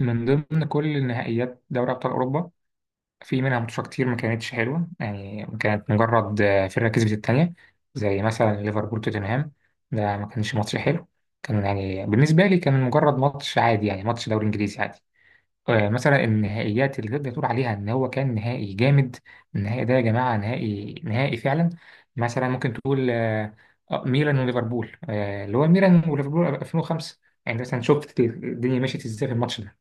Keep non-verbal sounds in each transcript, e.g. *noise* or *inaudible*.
من ضمن كل النهائيات دوري أبطال أوروبا، في منها ماتشات كتير ما كانتش حلوة. يعني كانت مجرد فرقة كسبت التانية، زي مثلا ليفربول توتنهام. ده ما كانش ماتش حلو، كان يعني بالنسبة لي كان مجرد ماتش عادي، يعني ماتش دوري إنجليزي عادي. مثلا النهائيات اللي تقدر تقول عليها إن هو كان نهائي جامد. النهائي ده يا جماعة نهائي نهائي فعلا. مثلا ممكن تقول ميلان وليفربول، اللي هو ميلان وليفربول 2005. يعني مثلا شفت الدنيا مشيت ازاي في الماتش ده.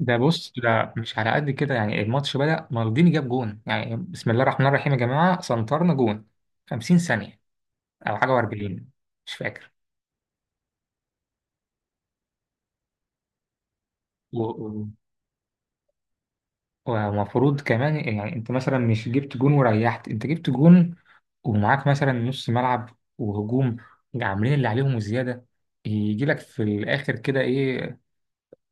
ده بص ده مش على قد كده، يعني الماتش بدأ مالديني جاب جون، يعني بسم الله الرحمن الرحيم يا جماعة سنترنا جون 50 ثانية أو حاجة و40. مش فاكر. و- و- ومفروض كمان يعني أنت مثلا مش جبت جون وريحت، أنت جبت جون ومعاك مثلا نص ملعب وهجوم عاملين اللي عليهم وزيادة. يجي لك في الآخر كده إيه،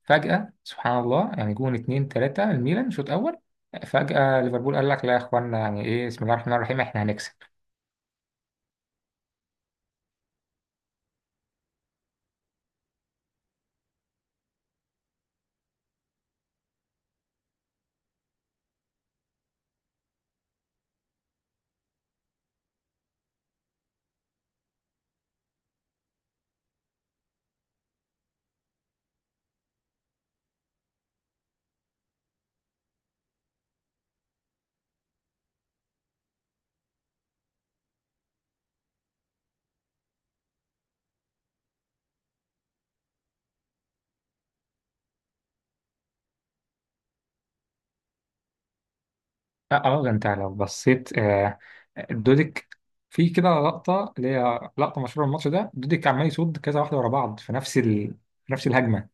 فجأة سبحان الله، يعني جون 2-3 الميلان شوط أول. فجأة ليفربول قال لك لا يا إخوانا يعني إيه بسم الله الرحمن الرحيم إحنا هنكسب. اه، ده انت لو بصيت دوديك، في كده لقطة اللي هي لقطة مشهورة من الماتش ده، دوديك عمال يصد كذا واحدة ورا بعض في نفس في نفس الهجمة.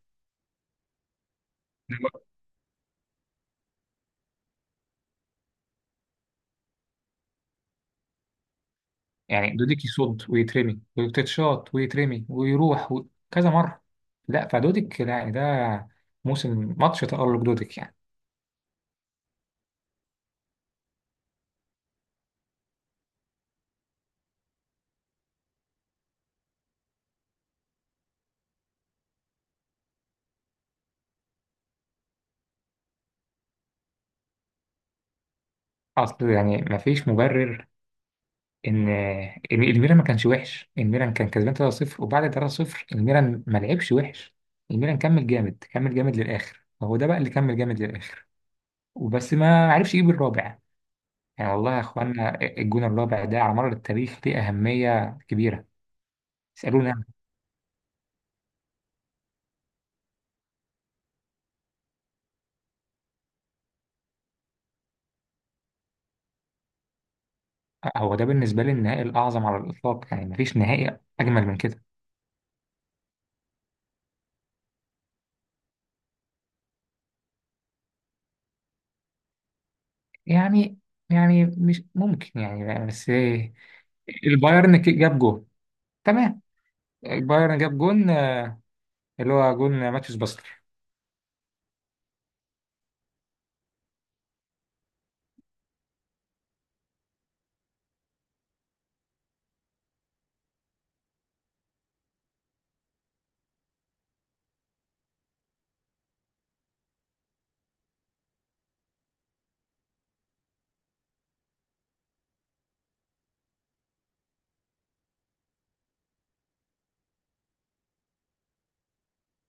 يعني دوديك يصد ويترمي ويتشاط ويترمي ويروح كذا مرة. لا فدوديك لا، يعني ده موسم ماتش تألق دوديك يعني. أصل يعني مفيش مبرر ان الميلان ما كانش وحش، الميلان كان كسبان 3-0، وبعد 3-0 الميلان ما لعبش وحش. الميلان كمل جامد كمل جامد للاخر، فهو ده بقى اللي كمل جامد للاخر، وبس ما عرفش يجيب الرابع. يعني والله يا اخوانا الجون الرابع ده على مر التاريخ ليه اهميه كبيره. اسالوني أنا. هو ده بالنسبه لي النهائي الاعظم على الاطلاق، يعني مفيش نهائي اجمل من كده. يعني يعني مش ممكن، يعني بس البايرن جاب جون. تمام. البايرن جاب جون، اللي هو جون ماتيوس باستر.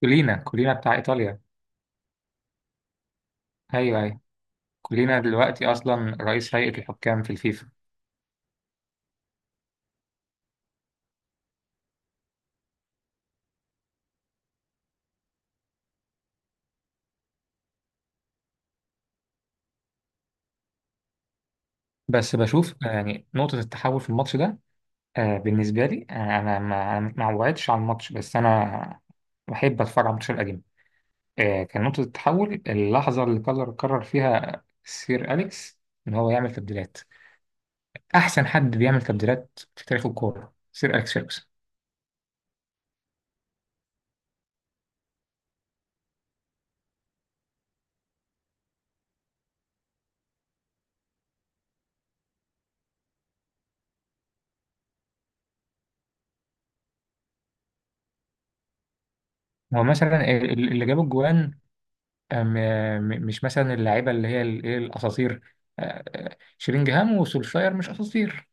كولينا، كولينا بتاع إيطاليا. أيوه، أيوه. كولينا دلوقتي أصلا رئيس هيئة الحكام في الفيفا. بس بشوف يعني نقطة التحول في الماتش ده، بالنسبة لي، أنا ما وعدتش على الماتش، بس أنا بحب أتفرج على الماتشات القديمة. كان نقطة التحول اللحظة اللي قرر فيها سير أليكس إن هو يعمل تبديلات. أحسن حد بيعمل تبديلات في تاريخ الكورة سير أليكس فيرجسون. هو مثلا اللي جاب الجوان، آه، م- مش مثلا اللعيبه اللي هي ايه، الاساطير؟ شيلينجهام وسولشاير مش اساطير؟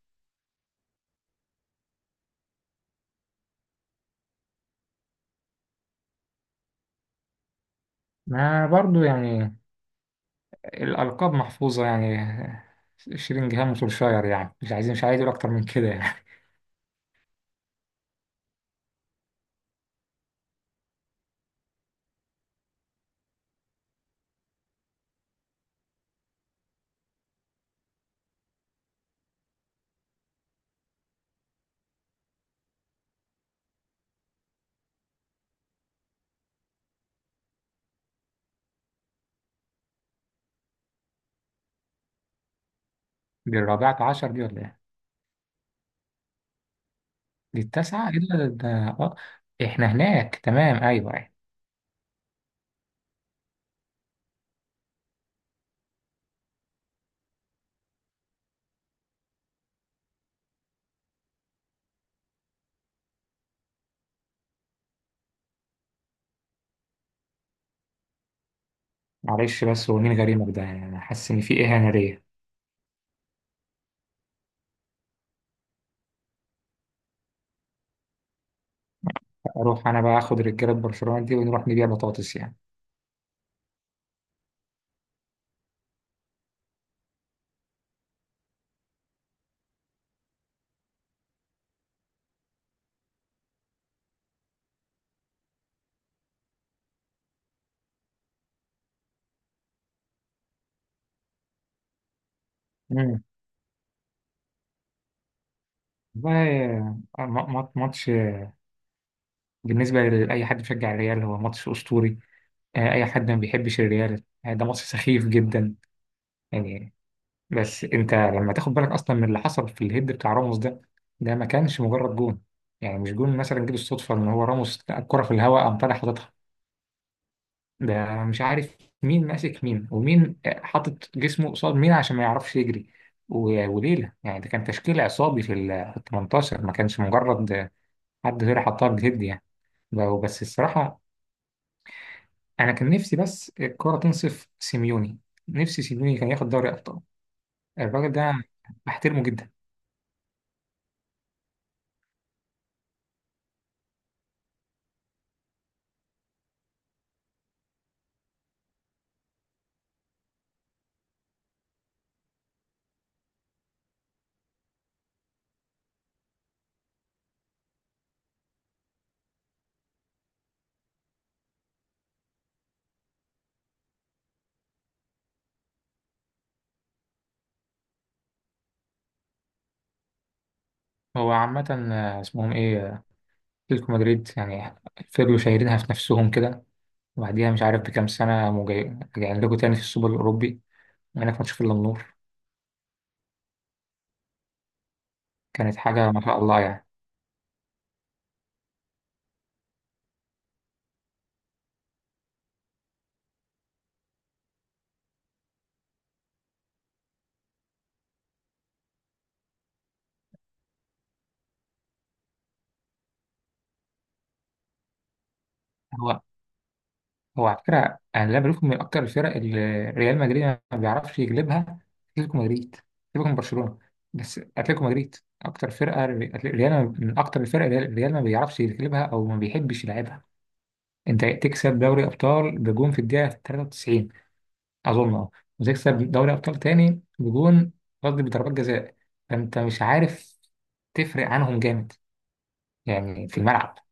ما برضو يعني الالقاب محفوظه يعني. شيلينجهام وسولشاير، يعني مش عايز اقول اكتر من كده يعني. *laughs* دي الرابعه عشر دي ولا ايه؟ دي التاسعه. ايه ده اه، احنا هناك، تمام، ايوه ايوه. معلش بس هو مين غريمك ده؟ يعني انا حاسس ان في اهانه ليا. اروح انا بقى اخد رجاله برشلونه دي ونروح نبيع بطاطس يعني. امم والله، ماتش بالنسبة لأي حد بيشجع الريال هو ماتش أسطوري. أي حد ما بيحبش الريال، ده ماتش سخيف جدا يعني. بس أنت لما تاخد بالك أصلا من اللي حصل في الهيد بتاع راموس ده، ده ما كانش مجرد جون. يعني مش جون مثلا جه بالصدفة إن هو راموس لقى الكرة في الهواء قام طالع حاططها. ده مش عارف مين ماسك مين ومين حاطط جسمه قصاد مين عشان ما يعرفش يجري، وليلة يعني ده كان تشكيل عصابي في ال 18. ما كانش مجرد حد غير حطها بالهيد يعني. بس الصراحة، انا كان نفسي بس الكرة تنصف سيميوني. نفسي سيميوني كان ياخد دوري ابطال. الراجل ده بحترمه جدا. هو عامة اسمهم ايه، اتلتيكو مدريد يعني. فضلوا شايلينها في نفسهم كده، وبعديها مش عارف بكام سنة راجعين لكم تاني في السوبر الأوروبي، وهناك ما تشوف إلا النور. كانت حاجة ما شاء الله يعني. هو هو على فكرة، أنا اللي بشوفه من أكتر الفرق اللي ريال مدريد ما بيعرفش يجلبها أتلتيكو مدريد. أتلتيكو من برشلونة، بس أتلتيكو مدريد أكتر فرقة ريال. من أكتر الفرق اللي ريال ما بيعرفش يجلبها أو ما بيحبش يلعبها. أنت تكسب دوري أبطال بجون في الدقيقة 93 أظن أه، وتكسب دوري أبطال تاني بجون، قصدي بضربات جزاء. فأنت مش عارف، تفرق عنهم جامد يعني في الملعب.